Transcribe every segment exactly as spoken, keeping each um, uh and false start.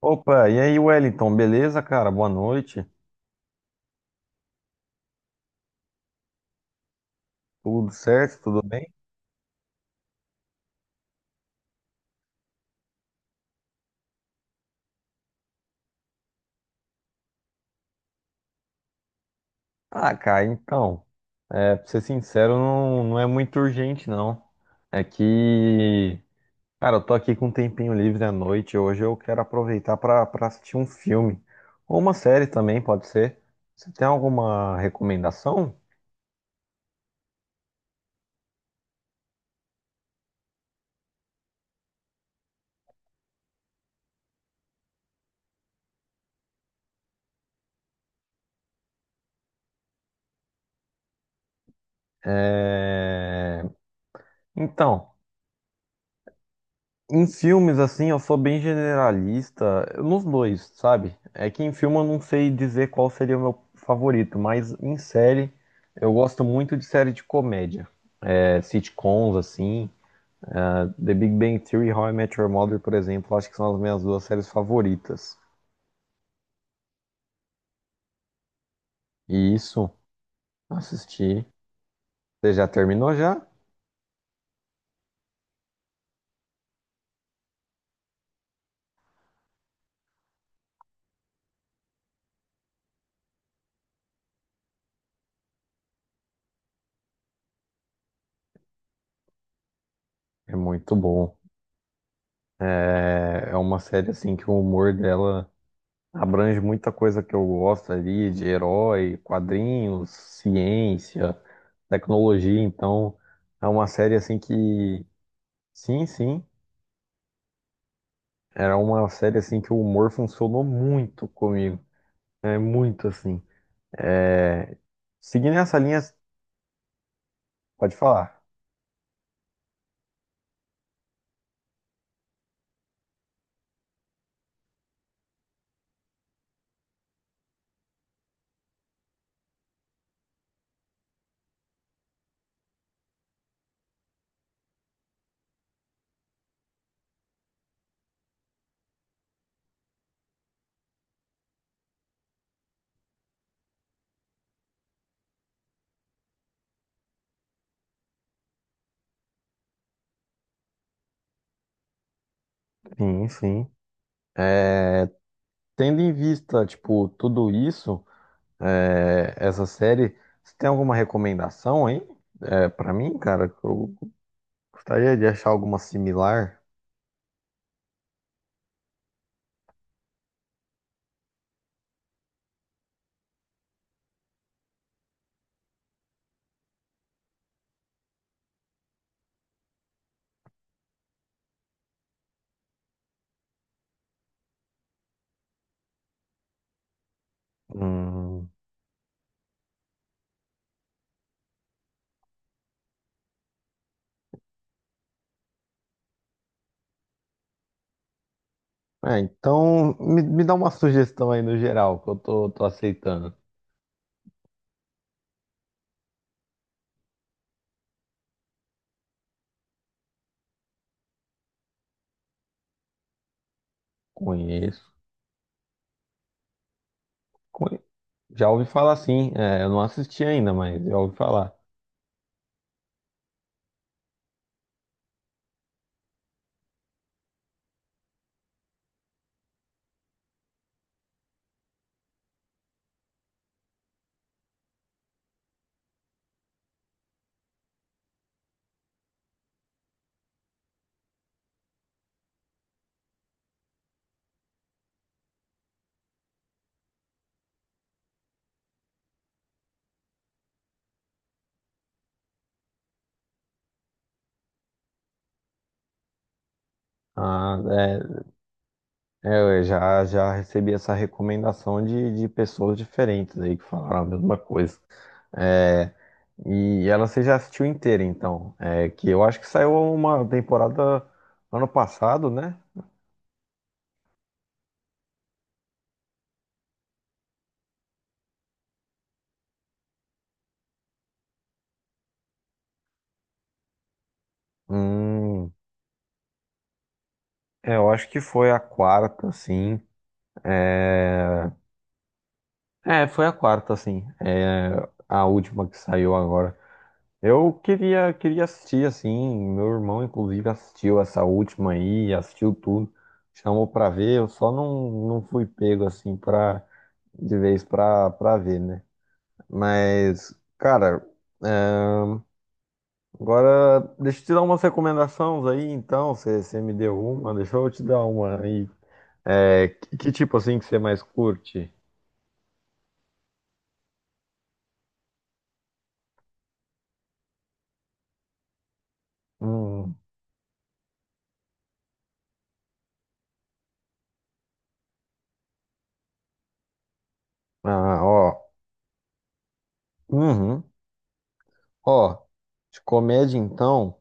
Opa, e aí, Wellington, beleza, cara? Boa noite. Tudo certo? Tudo bem? Ah, cara, então, é, pra ser sincero, não, não é muito urgente, não. É que, cara, eu tô aqui com um tempinho livre à noite. Hoje eu quero aproveitar pra, pra assistir um filme. Ou uma série também, pode ser. Você tem alguma recomendação? É... Então, em filmes, assim, eu sou bem generalista nos dois, sabe? É que em filme eu não sei dizer qual seria o meu favorito, mas em série eu gosto muito de série de comédia. É, sitcoms, assim, é, The Big Bang Theory e How I Met Your Mother, por exemplo, acho que são as minhas duas séries favoritas. E isso, assisti. Você já terminou já? É muito bom. É, é uma série, assim, que o humor dela abrange muita coisa que eu gosto ali, de herói, quadrinhos, ciência, tecnologia. Então, é uma série assim que, sim, sim, era uma série assim que o humor funcionou muito comigo. É muito assim. É... Seguindo essa linha, pode falar. Sim, sim. Tendo em vista, tipo, tudo isso, é, essa série, você tem alguma recomendação aí, é, para mim, cara? Eu gostaria de achar alguma similar. Hum. É, então me, me dá uma sugestão aí no geral, que eu tô, tô aceitando. Conheço. conhe- Já ouvi falar, sim, é, eu não assisti ainda, mas já ouvi falar. Ah, é, é, eu já, já recebi essa recomendação de, de pessoas diferentes aí que falaram a mesma coisa. É, e ela você já assistiu inteira, então. É, que eu acho que saiu uma temporada ano passado, né? Hum, é, eu acho que foi a quarta, sim. É. É, foi a quarta, assim. É a última que saiu agora. Eu queria, queria assistir, assim. Meu irmão, inclusive, assistiu essa última aí, assistiu tudo. Chamou pra ver, eu só não, não fui pego, assim, pra, de vez pra, pra ver, né? Mas, cara, é, agora deixa eu te dar umas recomendações aí, então. Você você me deu uma, deixa eu te dar uma aí. É, que, que tipo, assim, que você mais curte? Hum, ah, ó. Uhum. Ó, de comédia então,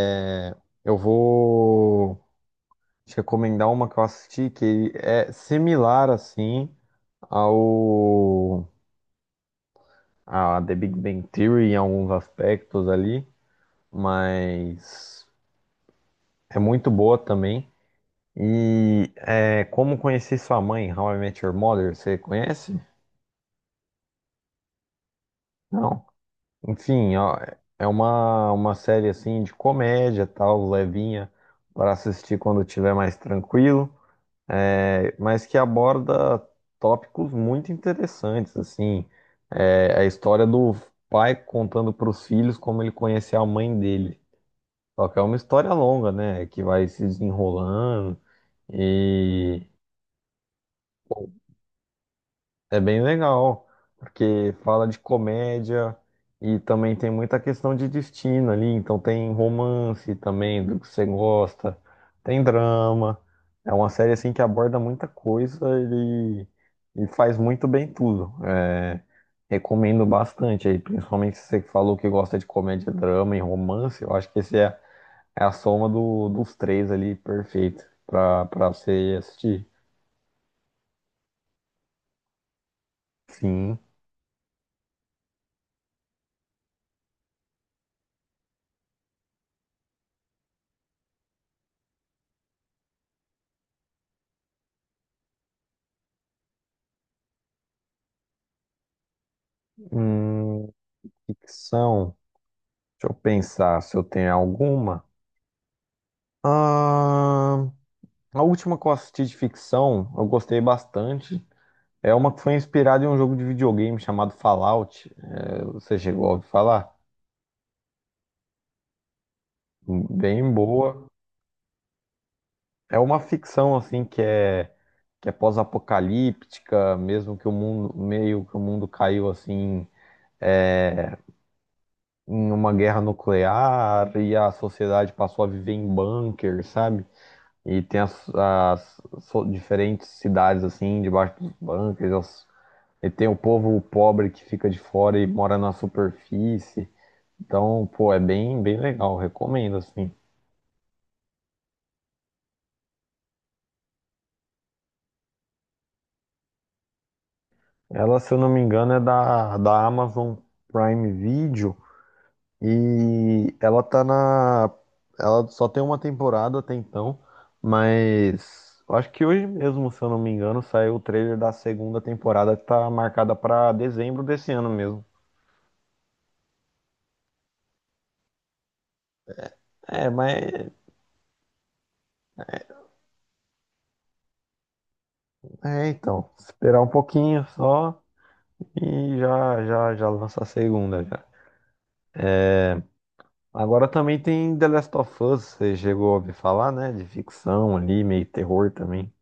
é, eu vou te recomendar uma que eu assisti que é similar assim ao a The Big Bang Theory em alguns aspectos ali, mas é muito boa também. E é Como Conhecer Sua Mãe, How I Met Your Mother, você conhece? Não. Enfim, ó, é uma, uma série assim de comédia, tal, levinha, para assistir quando estiver mais tranquilo. É, mas que aborda tópicos muito interessantes, assim. É, a história do pai contando para os filhos como ele conheceu a mãe dele. Só que é uma história longa, né, que vai se desenrolando e é bem legal, porque fala de comédia e também tem muita questão de destino ali, então tem romance também do que você gosta, tem drama. É uma série assim que aborda muita coisa e, e faz muito bem tudo. É, recomendo bastante aí, principalmente se você que falou que gosta de comédia, drama e romance, eu acho que esse é, é a soma do- dos três ali perfeito para para você assistir. Sim. Hum, ficção. Deixa eu pensar se eu tenho alguma. Ah, a última que eu assisti de ficção, eu gostei bastante. É uma que foi inspirada em um jogo de videogame chamado Fallout. É, você chegou a ouvir falar? Bem boa. É uma ficção assim que é que é pós-apocalíptica, mesmo que o mundo, meio que o mundo caiu assim, é, em uma guerra nuclear e a sociedade passou a viver em bunker, sabe? E tem as, as so- diferentes cidades, assim, debaixo dos bunkers. As- e tem o povo pobre que fica de fora e mora na superfície. Então, pô, é bem, bem legal. Recomendo, assim. Ela, se eu não me engano, é da, da Amazon Prime Video. E ela tá na. Ela só tem uma temporada até então. Mas eu acho que hoje mesmo, se eu não me engano, saiu o trailer da segunda temporada que tá marcada pra dezembro desse ano mesmo. É, mas é, então, esperar um pouquinho só e já, já, já lança a segunda já. Agora também tem The Last of Us, você chegou a ouvir falar, né? De ficção ali, meio terror também.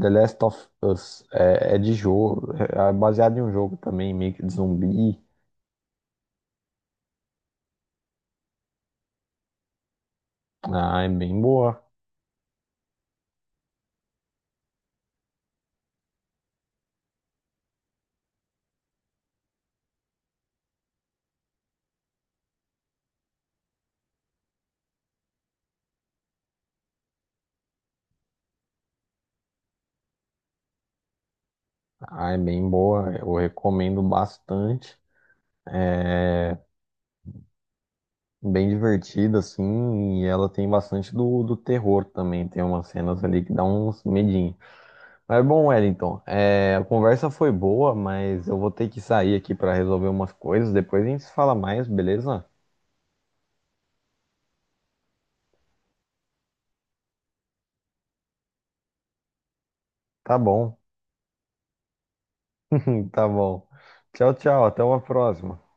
The Last of Us é, é de jogo, é baseado em um jogo também, meio que de zumbi. Ah, é bem boa. Ah, é bem boa, eu recomendo bastante. É bem divertida, assim, e ela tem bastante do, do terror também. Tem umas cenas ali que dá uns medinhos. Mas bom, Wellington, é, a conversa foi boa, mas eu vou ter que sair aqui para resolver umas coisas. Depois a gente se fala mais, beleza? Tá bom, tá bom. Tchau, tchau, até uma próxima.